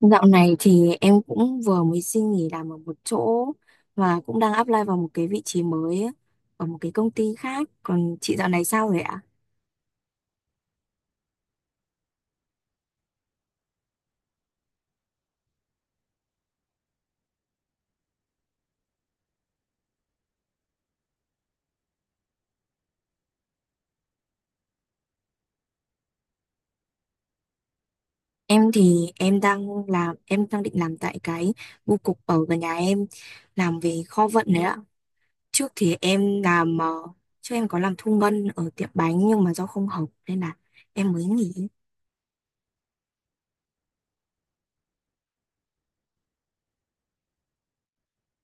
Dạo này thì em cũng vừa mới xin nghỉ làm ở một chỗ và cũng đang apply vào một cái vị trí mới á, ở một cái công ty khác. Còn chị dạo này sao rồi ạ? Em thì em đang làm em đang định làm tại cái bưu cục ở gần nhà em làm về kho vận đấy ạ. Trước thì trước em có làm thu ngân ở tiệm bánh nhưng mà do không hợp nên là em mới nghỉ.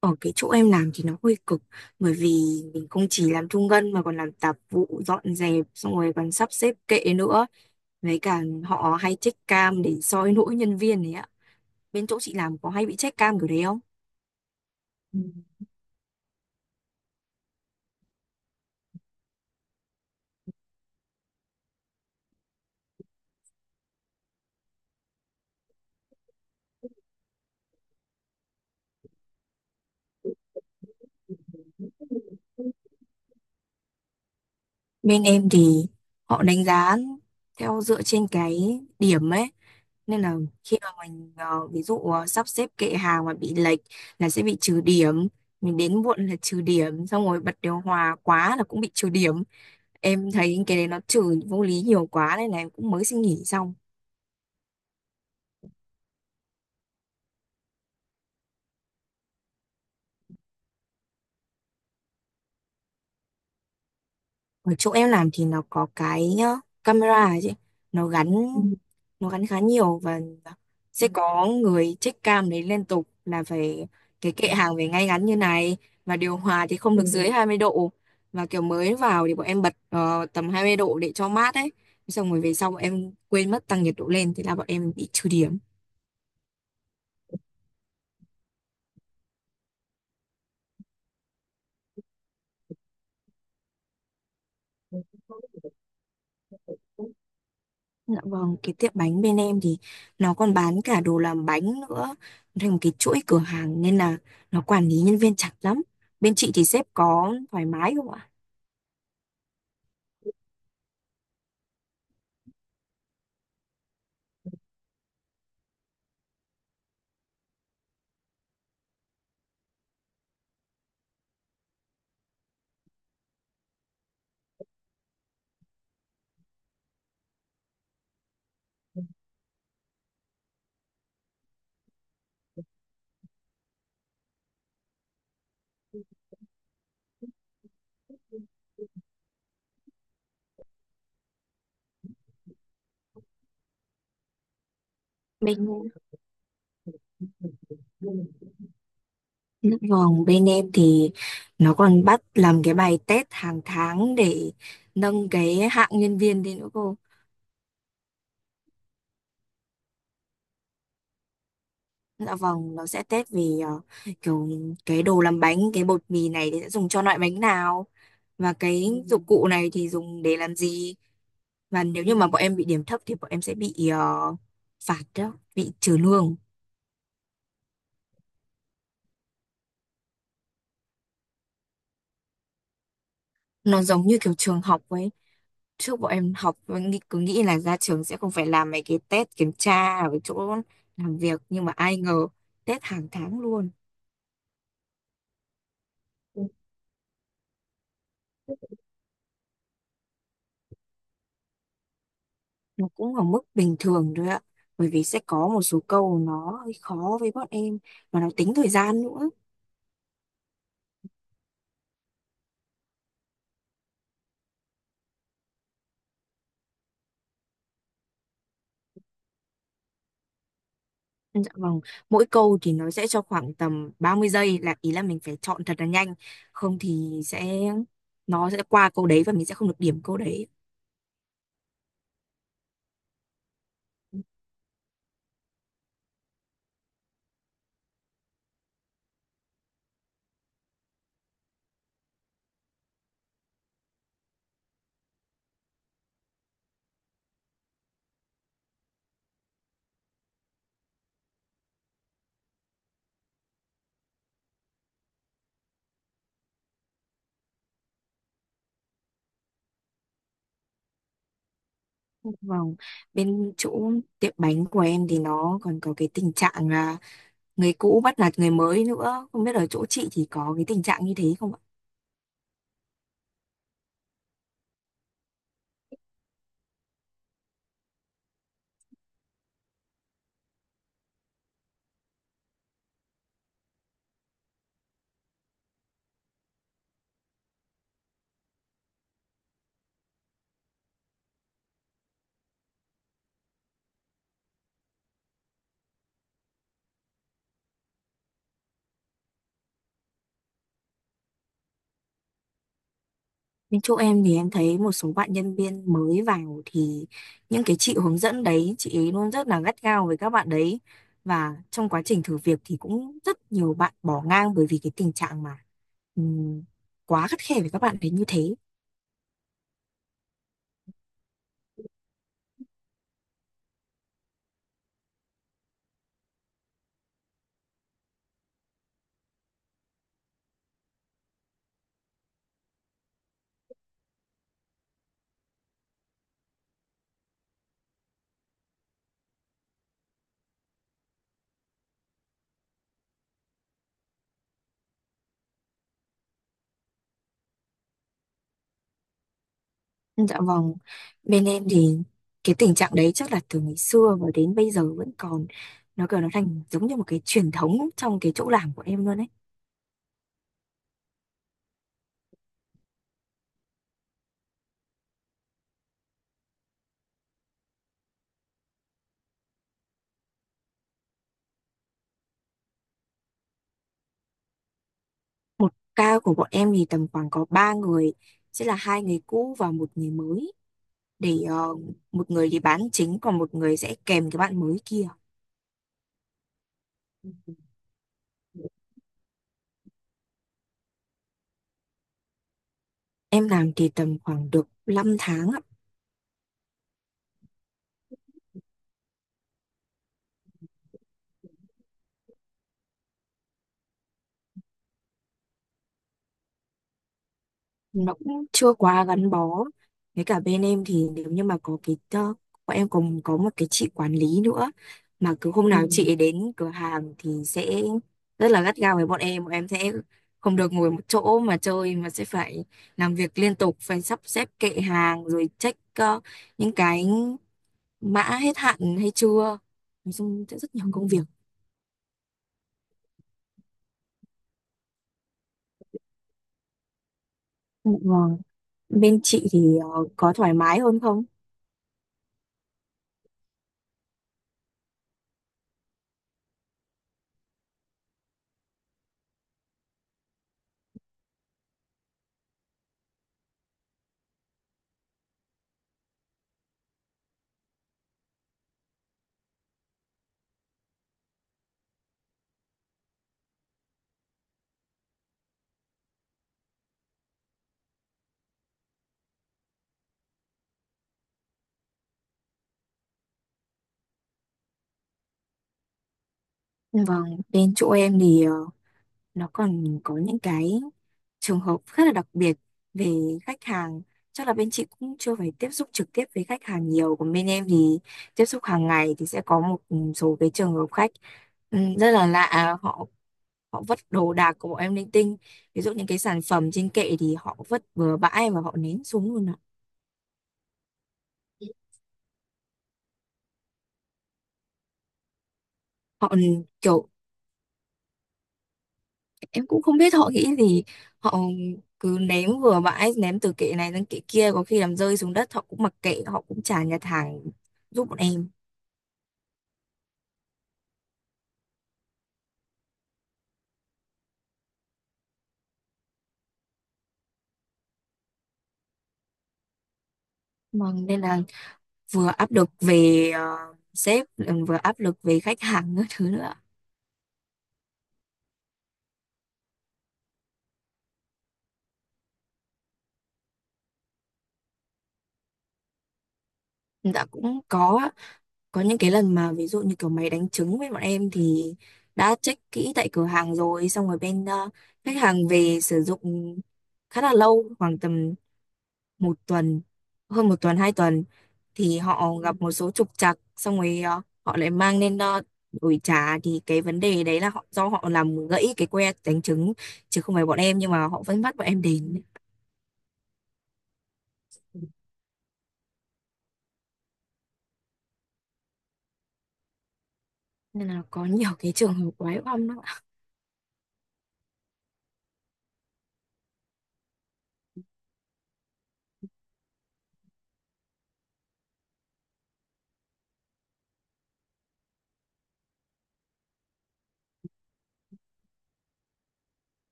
Ở cái chỗ em làm thì nó hơi cực bởi vì mình không chỉ làm thu ngân mà còn làm tạp vụ dọn dẹp xong rồi còn sắp xếp kệ nữa, với cả họ hay check cam để soi lỗi nhân viên đấy ạ. Bên chỗ chị làm có hay bị check cam kiểu đấy không? Ừ. Bên em thì họ đánh giá theo dựa trên cái điểm ấy, nên là khi mà ví dụ sắp xếp kệ hàng mà bị lệch là sẽ bị trừ điểm, mình đến muộn là trừ điểm, xong rồi bật điều hòa quá là cũng bị trừ điểm. Em thấy cái đấy nó chửi vô lý nhiều quá nên là em cũng mới xin nghỉ xong. Ở chỗ em làm thì nó có cái camera ấy chị, nó gắn Ừ. nó gắn khá nhiều, và sẽ có người check cam đấy liên tục, là phải cái kệ hàng phải ngay ngắn như này, và điều hòa thì không được dưới 20 độ. Và kiểu mới vào thì bọn em bật ờ, tầm 20 độ để cho mát ấy. Xong rồi về sau bọn em quên mất tăng nhiệt độ lên, thế là bọn em bị trừ điểm. Dạ vâng, cái tiệm bánh bên em thì nó còn bán cả đồ làm bánh nữa, thành một cái chuỗi cửa hàng nên là nó quản lý nhân viên chặt lắm. Bên chị thì sếp có thoải mái không ạ? Dạ vâng, bên em thì nó còn bắt làm cái bài test hàng tháng để nâng cái hạng nhân viên lên nữa cô. Dạ vâng, nó sẽ test về kiểu cái đồ làm bánh, cái bột mì này thì sẽ dùng cho loại bánh nào, và cái dụng cụ này thì dùng để làm gì. Và nếu như mà bọn em bị điểm thấp thì bọn em sẽ bị ờ, phạt đó, bị trừ lương. Nó giống như kiểu trường học ấy, trước bọn em học bọn nghĩ- cứ nghĩ là ra trường sẽ không phải làm mấy cái test kiểm tra ở cái chỗ làm việc, nhưng mà ai ngờ test hàng tháng luôn. Nó cũng ở mức bình thường thôi ạ, bởi vì sẽ có một số câu nó hơi khó với bọn em, và nó tính thời gian nữa. Dạ vâng, mỗi câu thì nó sẽ cho khoảng tầm 30 giây, là ý là mình phải chọn thật là nhanh, không thì nó sẽ qua câu đấy và mình sẽ không được điểm câu đấy. Dạ Vâng, bên chỗ tiệm bánh của em thì nó còn có cái tình trạng là người cũ bắt nạt người mới nữa, không biết ở chỗ chị thì có cái tình trạng như thế không ạ? Bên chỗ em thì em thấy một số bạn nhân viên mới vào thì những cái chị hướng dẫn đấy, chị ấy luôn rất là gắt gao với các bạn đấy, và trong quá trình thử việc thì cũng rất nhiều bạn bỏ ngang bởi vì cái tình trạng mà ừm, quá khắt khe với các bạn đấy như thế. Dạ vâng, bên em thì cái tình trạng đấy chắc là từ ngày xưa và đến bây giờ vẫn còn, nó kiểu nó thành giống như một cái truyền thống trong cái chỗ làm của em luôn ấy. Một ca của bọn em thì tầm khoảng có ba người, sẽ là hai người cũ và một người mới, để một người thì bán chính còn một người sẽ kèm cái bạn mới kia. Em làm thì tầm khoảng được 5 tháng ạ. Nó cũng chưa quá gắn bó, với cả bên em thì nếu như mà bọn em còn có một cái chị quản lý nữa, mà cứ hôm nào chị ấy đến cửa hàng thì sẽ rất là gắt gao với bọn em, bọn em sẽ không được ngồi một chỗ mà chơi mà sẽ phải làm việc liên tục, phải sắp xếp kệ hàng rồi check những cái mã hết hạn hay chưa, nói chung sẽ rất nhiều công việc. Vâng, bên chị thì có thoải mái hơn không? Vâng, bên chỗ em thì nó còn có những cái trường hợp rất là đặc biệt về khách hàng. Chắc là bên chị cũng chưa phải tiếp xúc trực tiếp với khách hàng nhiều, còn bên em thì tiếp xúc hàng ngày thì sẽ có một số cái trường hợp khách rất là lạ. À, họ họ vứt đồ đạc của bọn em linh tinh, ví dụ những cái sản phẩm trên kệ thì họ vứt bừa bãi và họ ném xuống luôn ạ. Họ kiểu, em cũng không biết họ nghĩ gì, họ cứ ném vừa bãi, ném từ kệ này sang kệ kia, có khi làm rơi xuống đất họ cũng mặc kệ, họ cũng chả nhặt hàng giúp bọn em. Vâng, nên là vừa áp lực về sếp, ừ, vừa áp lực về khách hàng các thứ nữa. Đã cũng có những cái lần mà ví dụ như kiểu máy đánh trứng với bọn em thì đã check kỹ tại cửa hàng rồi, xong rồi bên khách hàng về sử dụng khá là lâu, khoảng tầm 1 tuần, hơn 1 tuần, 2 tuần, thì họ gặp một số trục trặc, xong rồi họ lại mang lên đổi trả. Thì cái vấn đề đấy là họ, do họ làm gãy cái que đánh trứng chứ không phải bọn em, nhưng mà họ vẫn bắt bọn em đến. Nên là có nhiều cái trường hợp quái oăm lắm ạ.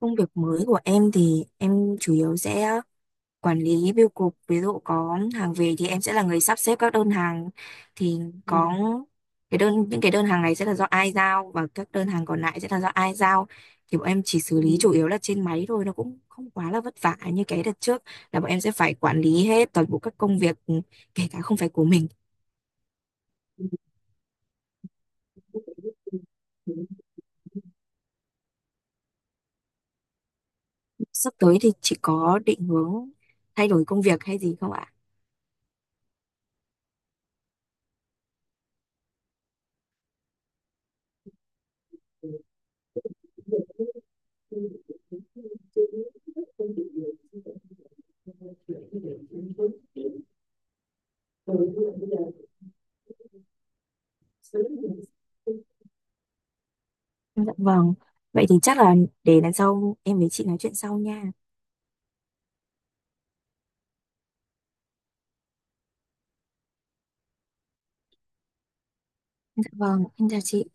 Công việc mới của em thì em chủ yếu sẽ quản lý bưu cục, ví dụ có hàng về thì em sẽ là người sắp xếp các đơn hàng, thì Ừ. có cái đơn những cái đơn hàng này sẽ là do ai giao và các đơn hàng còn lại sẽ là do ai giao. Thì bọn em chỉ xử lý chủ yếu là trên máy thôi, nó cũng không quá là vất vả như cái đợt trước là bọn em sẽ phải quản lý hết toàn bộ các công việc, kể cả không phải của mình. Ừ. Sắp tới thì chị có định hướng thay đổi công việc hay gì không ạ? Dạ vâng. Vậy thì chắc là để lần sau em với chị nói chuyện sau nha. Dạ vâng, em chào chị.